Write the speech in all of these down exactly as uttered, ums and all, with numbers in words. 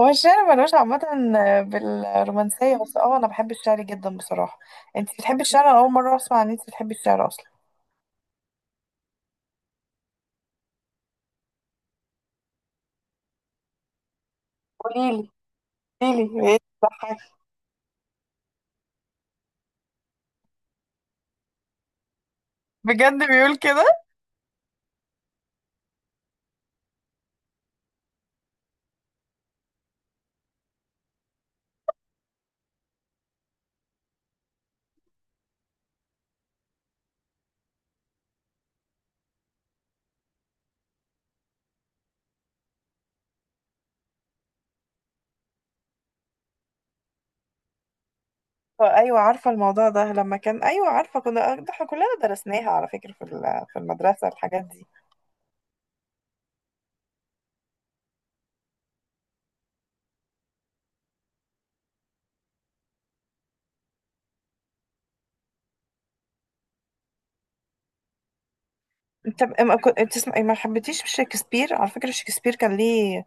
هو الشعر ملوش عامة بالرومانسية، بس اه أنا بحب الشعر جدا بصراحة. انت بتحبي الشعر؟ أنا أول مرة أسمع إن انت بتحبي الشعر أصلا. قوليلي، قوليلي ايه بتضحك. بجد بيقول كده؟ أيوة عارفة الموضوع ده، لما كان، أيوة عارفة، كنا ده احنا كلنا درسناها على فكرة في ال- في المدرسة الحاجات دي. انت ب- ما كنت بتسمعي، ما حبيتيش شكسبير؟ على فكرة شكسبير كان ليه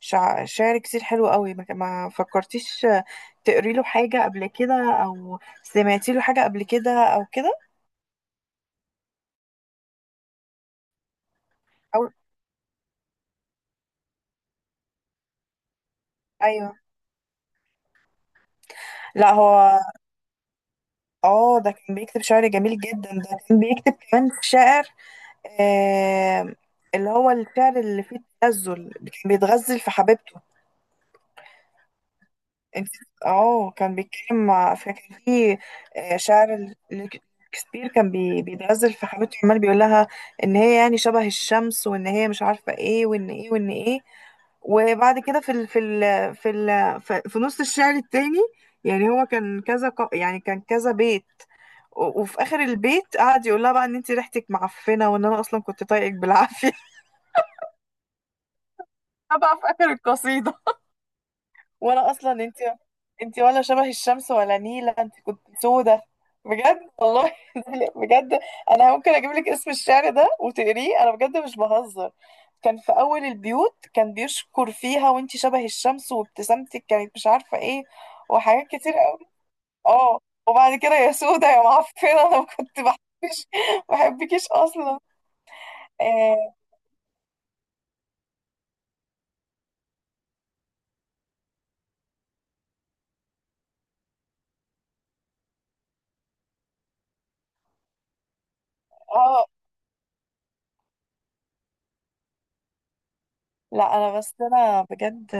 شع... شعر كتير حلو قوي، ما ما فكرتيش تقري له حاجة قبل كده، أو سمعتي له حاجة قبل كده أو كده؟ أو أيوة. لا هو اه، ده كان بيكتب شعر جميل جدا. ده كان بيكتب كمان شعر آه، اللي هو الشعر اللي فيه التنزل، كان بيتغزل في حبيبته. انت، اه كان بيتكلم مع، فكان فيه آه، شعر. شكسبير كان بي- بيتغزل في حبيبته، عمال بيقول لها ان هي يعني شبه الشمس، وان هي مش عارفة ايه، وان ايه وان ايه. وبعد كده في ال في ال في ال في, في نص الشعر التاني، يعني هو كان كذا ق- يعني كان كذا بيت، و- وفي اخر البيت قعد يقول لها بقى ان انت ريحتك معفنه، وان انا اصلا كنت طايقك بالعافيه. أنا بقى في اخر القصيده، وانا اصلا، انت، انت ولا شبه الشمس ولا نيله، انت كنت سودة. بجد والله. بجد، انا ممكن اجيب لك اسم الشعر ده وتقريه، انا بجد مش بهزر. كان في اول البيوت كان بيشكر فيها، وانت شبه الشمس وابتسامتك كانت مش عارفه ايه، وحاجات كتير قوي. اه، وبعد كده يا سودة يا معفنه. انا ما كنت بحبش. ما بحبكيش اصلا. آه. اه لا انا بس انا بجد،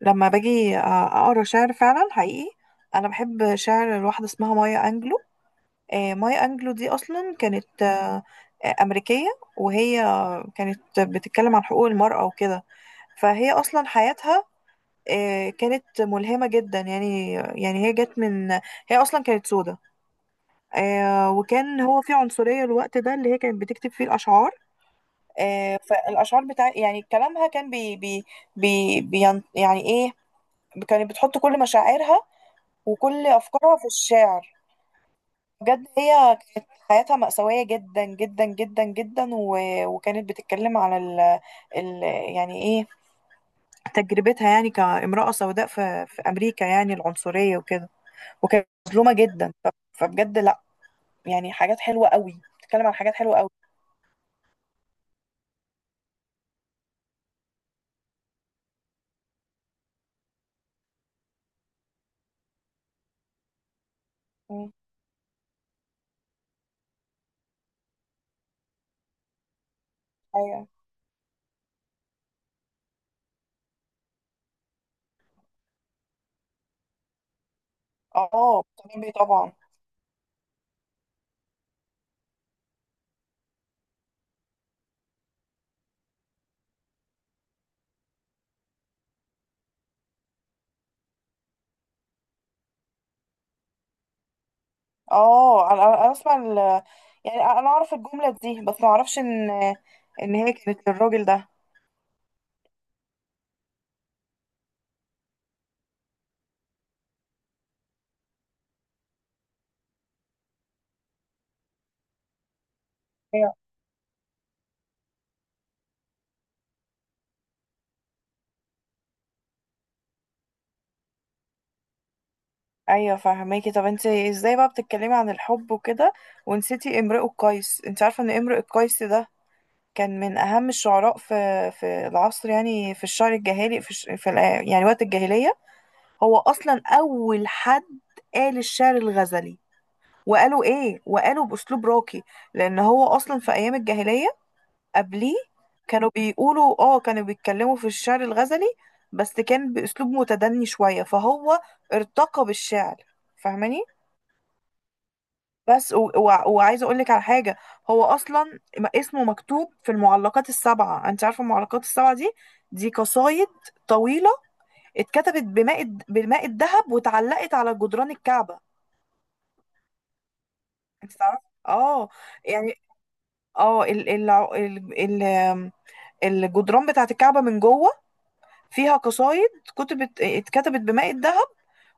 لما باجي آه، اقرا شعر فعلا حقيقي، انا بحب شعر لواحده اسمها مايا انجلو. آه، مايا انجلو دي اصلا كانت آه، آه، امريكيه، وهي كانت بتتكلم عن حقوق المراه وكده. فهي اصلا حياتها آه، كانت ملهمه جدا، يعني يعني هي جت من، هي اصلا كانت سودة، آه، وكان هو في عنصريه الوقت ده اللي هي كانت بتكتب فيه الاشعار. آه، فالاشعار بتاع يعني كلامها كان بي بي بي بين يعني ايه، كانت بتحط كل مشاعرها وكل افكارها في الشعر. بجد هي كانت حياتها مأساوية جدا جدا جدا جدا، و... وكانت بتتكلم على ال... ال... يعني ايه، تجربتها يعني كامرأة سوداء في... في أمريكا، يعني العنصرية وكده. وكانت مظلومة جدا، ف... فبجد لا، يعني حاجات حلوة قوي، بتتكلم عن حاجات حلوة قوي. مم. ايوه، اه بتعمل بيه طبعا. اه انا انا أنا اسمع ال... يعني انا اعرف الجملة دي، بس ما اعرفش ان ان هي كانت للراجل ده. أيوة. ايوه فهماكي. طب انت ازاي بقى بتتكلمي عن الحب وكده ونسيتي امرؤ القيس؟ انت عارفة ان امرؤ القيس ده كان من اهم الشعراء في في العصر، يعني في الشعر الجاهلي، في, الش... في ال... يعني وقت الجاهلية. هو اصلا اول حد قال الشعر الغزلي، وقالوا ايه، وقالوا باسلوب راقي. لان هو اصلا في ايام الجاهلية قبليه كانوا بيقولوا اه، كانوا بيتكلموا في الشعر الغزلي، بس كان بأسلوب متدني شوية، فهو ارتقى بالشعر، فاهماني؟ بس و... و... وعايزة أقولك على حاجة. هو أصلا م- اسمه مكتوب في المعلقات السبعة. أنت عارفة المعلقات السبعة دي؟ دي قصايد طويلة اتكتبت بماء الد- بالماء الذهب، واتعلقت على جدران الكعبة. أنت تعرفي؟ اه، يعني اه ال... ال... ال... ال... الجدران بتاعت الكعبة من جوه فيها قصايد كتبت، اتكتبت بماء الذهب.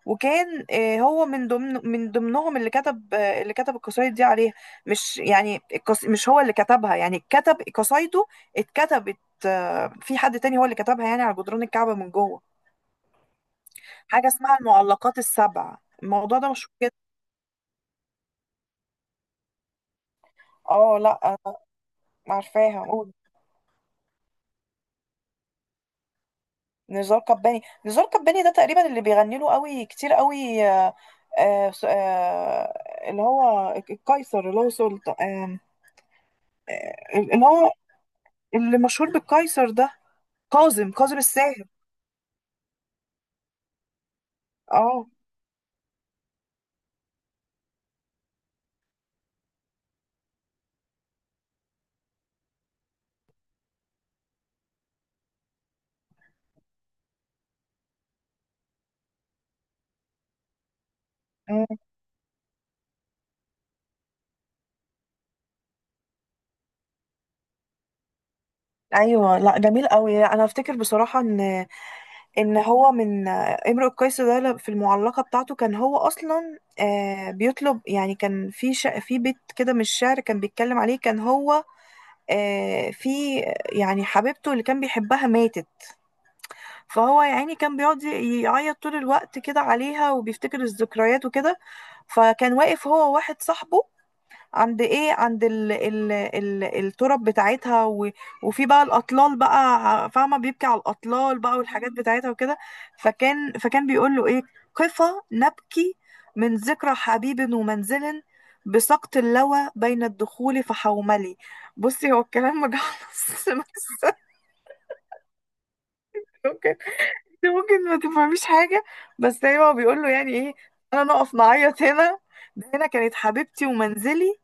وكان آه، هو من ضمن من ضمنهم اللي كتب، آه، اللي كتب القصايد دي عليها. مش يعني القص... مش هو اللي كتبها، يعني كتب قصايده، اتكتبت آه، في حد تاني هو اللي كتبها يعني على جدران الكعبة من جوه. حاجة اسمها المعلقات السبع. الموضوع ده مشهور جدا. اه لا أنا، عارفاها؟ قول. نزار قباني؟ نزار قباني ده تقريبا اللي بيغني له قوي كتير قوي آه، آه، آه، اللي هو القيصر اللي هو سلطان، اللي هو اللي مشهور بالقيصر ده، كاظم كاظم الساهر. اه. مم. ايوه لا جميل قوي. انا افتكر بصراحه ان ان هو من آه، امرؤ القيس ده، ل- في المعلقه بتاعته كان هو اصلا آه، بيطلب يعني، كان في ش... في بيت كده من الشعر كان بيتكلم عليه، كان هو آه، في، يعني حبيبته اللي كان بيحبها ماتت، فهو يا عيني كان بيقعد، ي- يعيط طول الوقت كده عليها، وبيفتكر الذكريات وكده. فكان واقف هو وواحد صاحبه عند ايه، عند ال ال ال التراب بتاعتها، و... وفي بقى الاطلال بقى، ع- فاهمه، بيبكي على الاطلال بقى والحاجات بتاعتها وكده. فكان فكان بيقول له ايه، قفا نبكي من ذكرى حبيب ومنزل، بسقط اللوى بين الدخول فحوملي. بصي هو الكلام مجعلص بس، ممكن، ممكن ما تفهميش حاجه، بس ايوه هو بيقول له يعني ايه، انا نقف نعيط هنا، ده هنا كانت حبيبتي ومنزلي.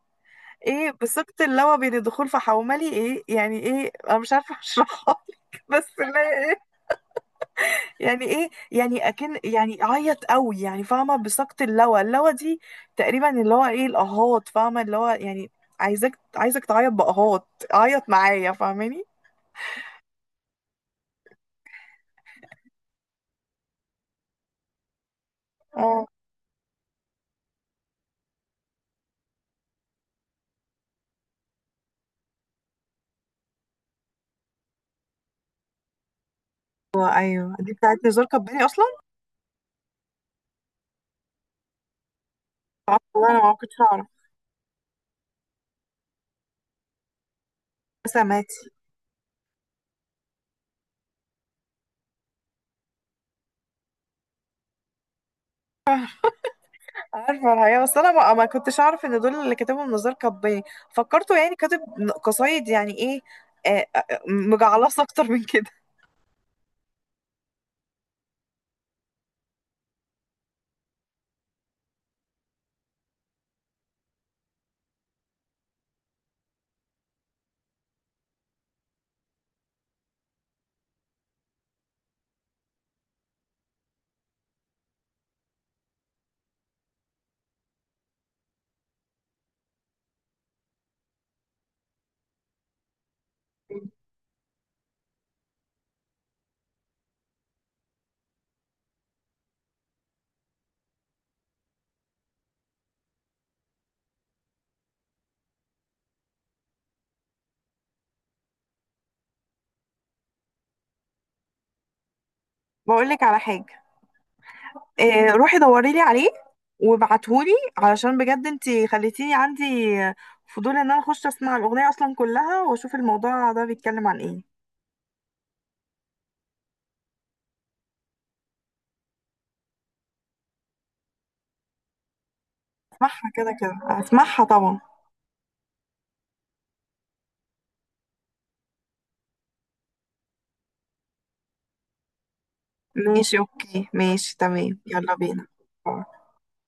ايه بثقة اللوى بين الدخول في حوملي، ايه يعني ايه، انا مش عارفة اشرحها لك بس اللي هي ايه يعني ايه، يعني اكن يعني عيط قوي يعني، فاهمة؟ بثقة اللوى، اللوى دي تقريبا اللي هو ايه الاهات، فاهمة اللي هو يعني، عايزك عايزك تعيط باهات، عيط معايا، فاهماني؟ اه ايوه دي بتاعت نزار قباني اصلا. آه، والله انا ما كنتش اعرف. سمعتي؟ عارفة الحقيقة بس أنا ما, ما كنتش أعرف إن دول اللي كاتبهم نزار قباني. فكرته يعني كاتب قصايد يعني إيه آه، آه، مجعلصة أكتر من كده. بقول لك على حاجة. آه، روحي دوري لي عليه وابعتهولي، علشان بجد انتي خليتيني عندي فضول إن أنا أخش أسمع الأغنية أصلا كلها، وأشوف الموضوع ده بيتكلم عن إيه. أسمعها كده كده، أسمعها طبعا. ماشي أوكي، ماشي تمام، يلا بينا.